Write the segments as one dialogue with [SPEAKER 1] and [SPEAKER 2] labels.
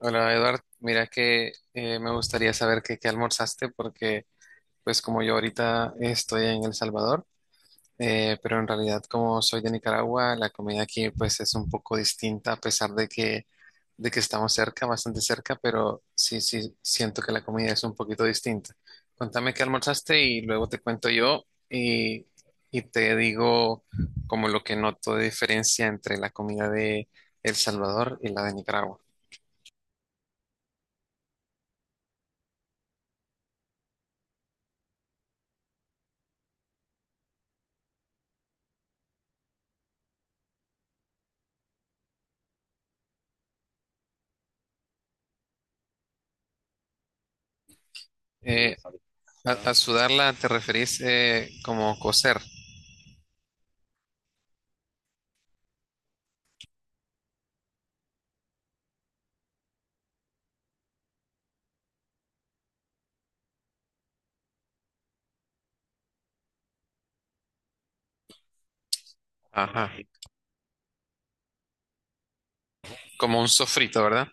[SPEAKER 1] Hola Eduard, mira que me gustaría saber qué almorzaste porque pues como yo ahorita estoy en El Salvador, pero en realidad como soy de Nicaragua, la comida aquí pues es un poco distinta a pesar de que estamos cerca, bastante cerca, pero sí, sí, siento que la comida es un poquito distinta. Contame qué almorzaste y luego te cuento yo y, y te digo como lo que noto de diferencia entre la comida de El Salvador y la de Nicaragua. Eh, a sudarla te referís como coser. Ajá. Como un sofrito, ¿verdad?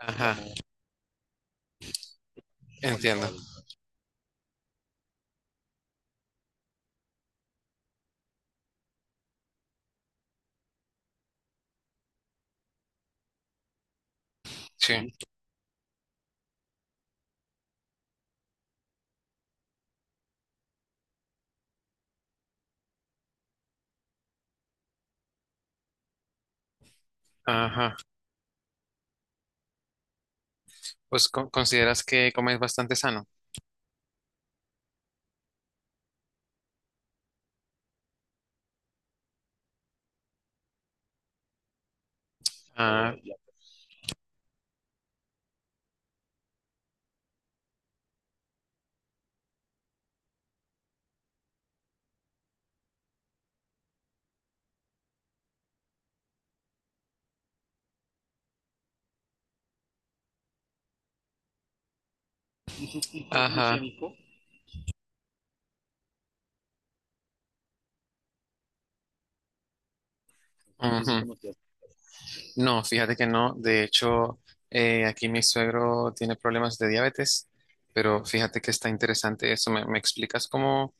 [SPEAKER 1] Ajá, como entiendo, frijol. Sí. Ajá. Consideras que comes bastante sano. Ah, Eh, ¿y ajá. Ujú. No, fíjate que no. De hecho, aquí mi suegro tiene problemas de diabetes, pero fíjate que está interesante eso. ¿Me, me explicas cómo,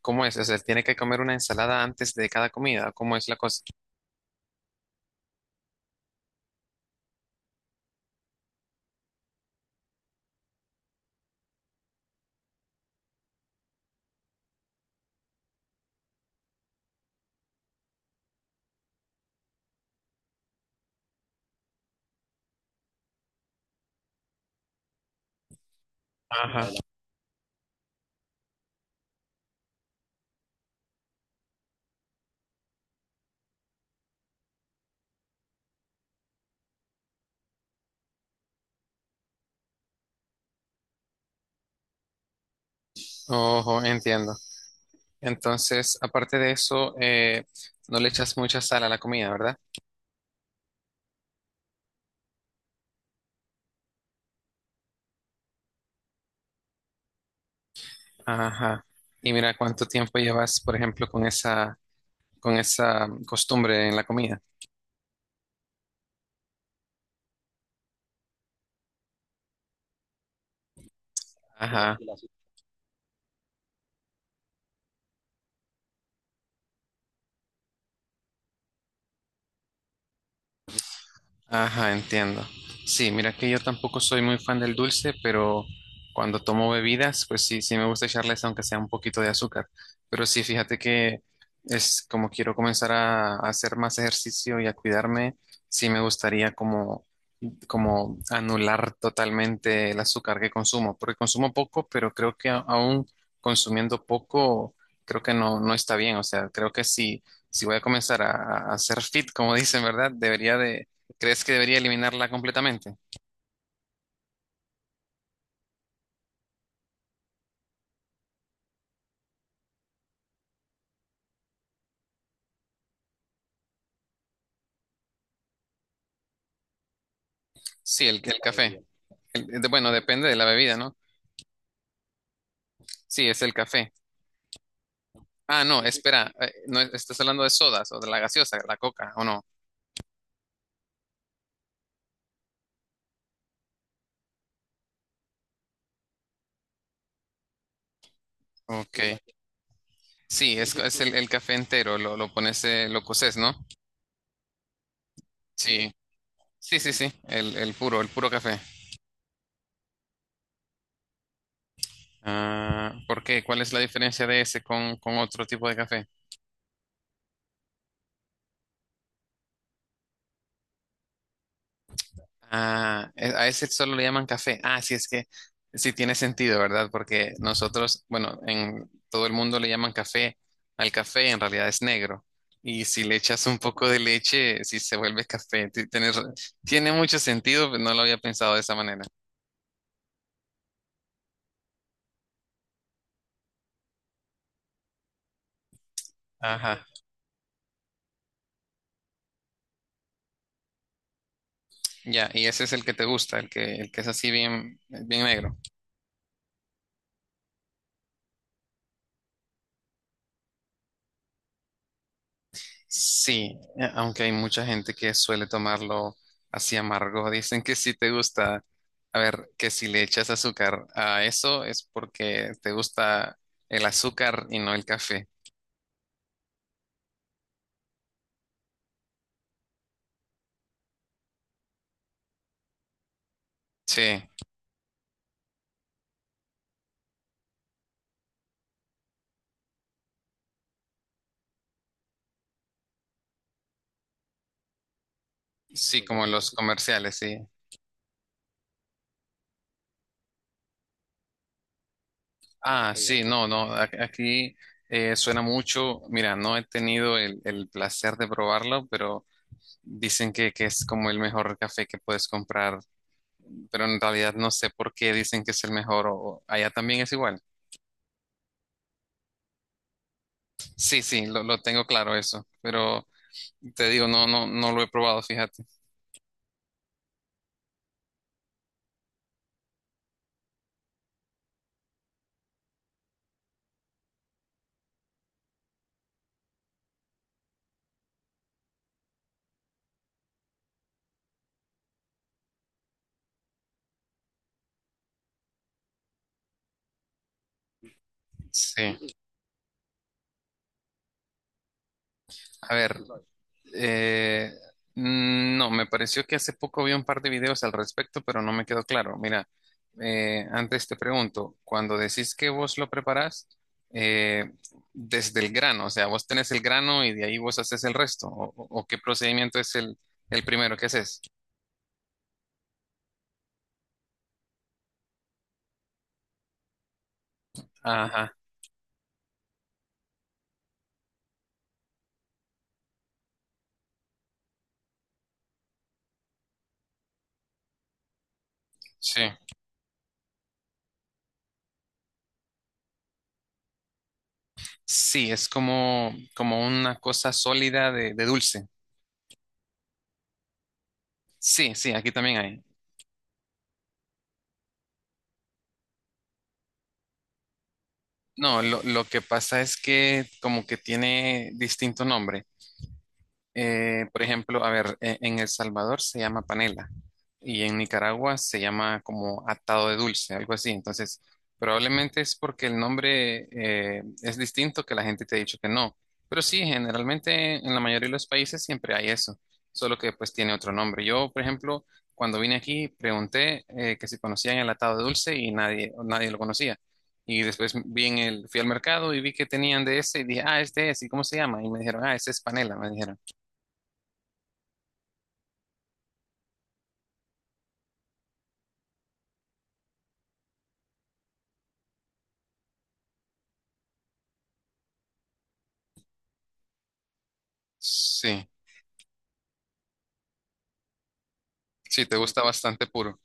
[SPEAKER 1] cómo es? O sea, ¿tiene que comer una ensalada antes de cada comida? ¿Cómo es la cosa? Ajá. Ojo, entiendo. Entonces, aparte de eso, no le echas mucha sal a la comida, ¿verdad? Ajá. Y mira cuánto tiempo llevas, por ejemplo, con esa costumbre en la comida. Ajá. Ajá, entiendo. Sí, mira que yo tampoco soy muy fan del dulce, pero cuando tomo bebidas, pues sí, sí me gusta echarles aunque sea un poquito de azúcar. Pero sí, fíjate que es como quiero comenzar a hacer más ejercicio y a cuidarme, sí me gustaría como anular totalmente el azúcar que consumo, porque consumo poco, pero creo que aún consumiendo poco, creo que no, no está bien. O sea, creo que si, si voy a comenzar a hacer fit, como dicen, ¿verdad? Debería de, ¿crees que debería eliminarla completamente? Sí, el café. Bueno, depende de la bebida, ¿no? Sí, es el café. Ah, no, sí, espera, no, estás hablando de sodas o de la gaseosa, la coca, ¿o no? Ok. Sí, sí, es el café entero, lo pones, lo coces, ¿no? Sí. Sí, sí, sí, el puro café. Ah, ¿por qué? ¿Cuál es la diferencia de ese con otro tipo de café? Ah, a ese solo le llaman café. Ah, sí, es que sí tiene sentido, ¿verdad? Porque nosotros, bueno, en todo el mundo le llaman café al café, en realidad es negro. Y si le echas un poco de leche, sí se vuelve café. Tiene mucho sentido, pero no lo había pensado de esa manera. Ajá, ya, y ese es el que te gusta, el que es así bien, bien negro. Sí, aunque hay mucha gente que suele tomarlo así amargo. Dicen que si te gusta, a ver, que si le echas azúcar a eso es porque te gusta el azúcar y no el café. Sí, sí, como los comerciales, sí. Ah, sí, no, no, aquí suena mucho. Mira, no he tenido el placer de probarlo, pero dicen que es como el mejor café que puedes comprar. Pero en realidad no sé por qué dicen que es el mejor o allá también es igual. Sí, sí, lo tengo claro eso, pero te digo, no, no, no lo he probado, fíjate. Sí, a ver, eh, no, me pareció que hace poco vi un par de videos al respecto, pero no me quedó claro. Mira, antes te pregunto, cuando decís que vos lo preparás, eh, desde el grano, o sea, vos tenés el grano y de ahí vos haces el resto, o qué procedimiento es el primero que haces. Ajá, sí. Sí, es como, como una cosa sólida de dulce. Sí, sí, aquí también hay. No, lo que pasa es que como que tiene distinto nombre. Por ejemplo, a ver, en El Salvador se llama panela y en Nicaragua se llama como atado de dulce, algo así. Entonces, probablemente es porque el nombre es distinto que la gente te ha dicho que no. Pero sí, generalmente en la mayoría de los países siempre hay eso, solo que pues tiene otro nombre. Yo, por ejemplo, cuando vine aquí pregunté que si conocían el atado de dulce y nadie, nadie lo conocía. Y después vi en el, fui al mercado y vi que tenían de ese y dije, ah, este es, ¿y cómo se llama? Y me dijeron, ah, ese es panela, me dijeron. Sí, sí, te gusta bastante puro.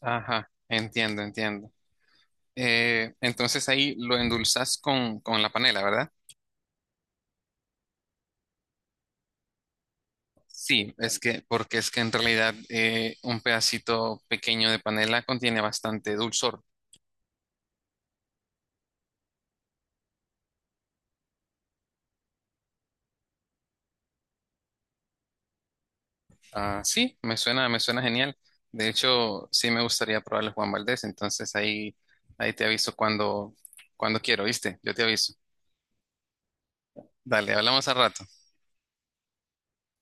[SPEAKER 1] Ajá, entiendo, entiendo. Entonces ahí lo endulzas con la panela, ¿verdad? Sí, es que, porque es que en realidad un pedacito pequeño de panela contiene bastante dulzor. Ah, sí, me suena genial. De hecho, sí me gustaría probar el Juan Valdés, entonces ahí, ahí te aviso cuando, cuando quiero, ¿viste? Yo te aviso. Dale, hablamos al rato.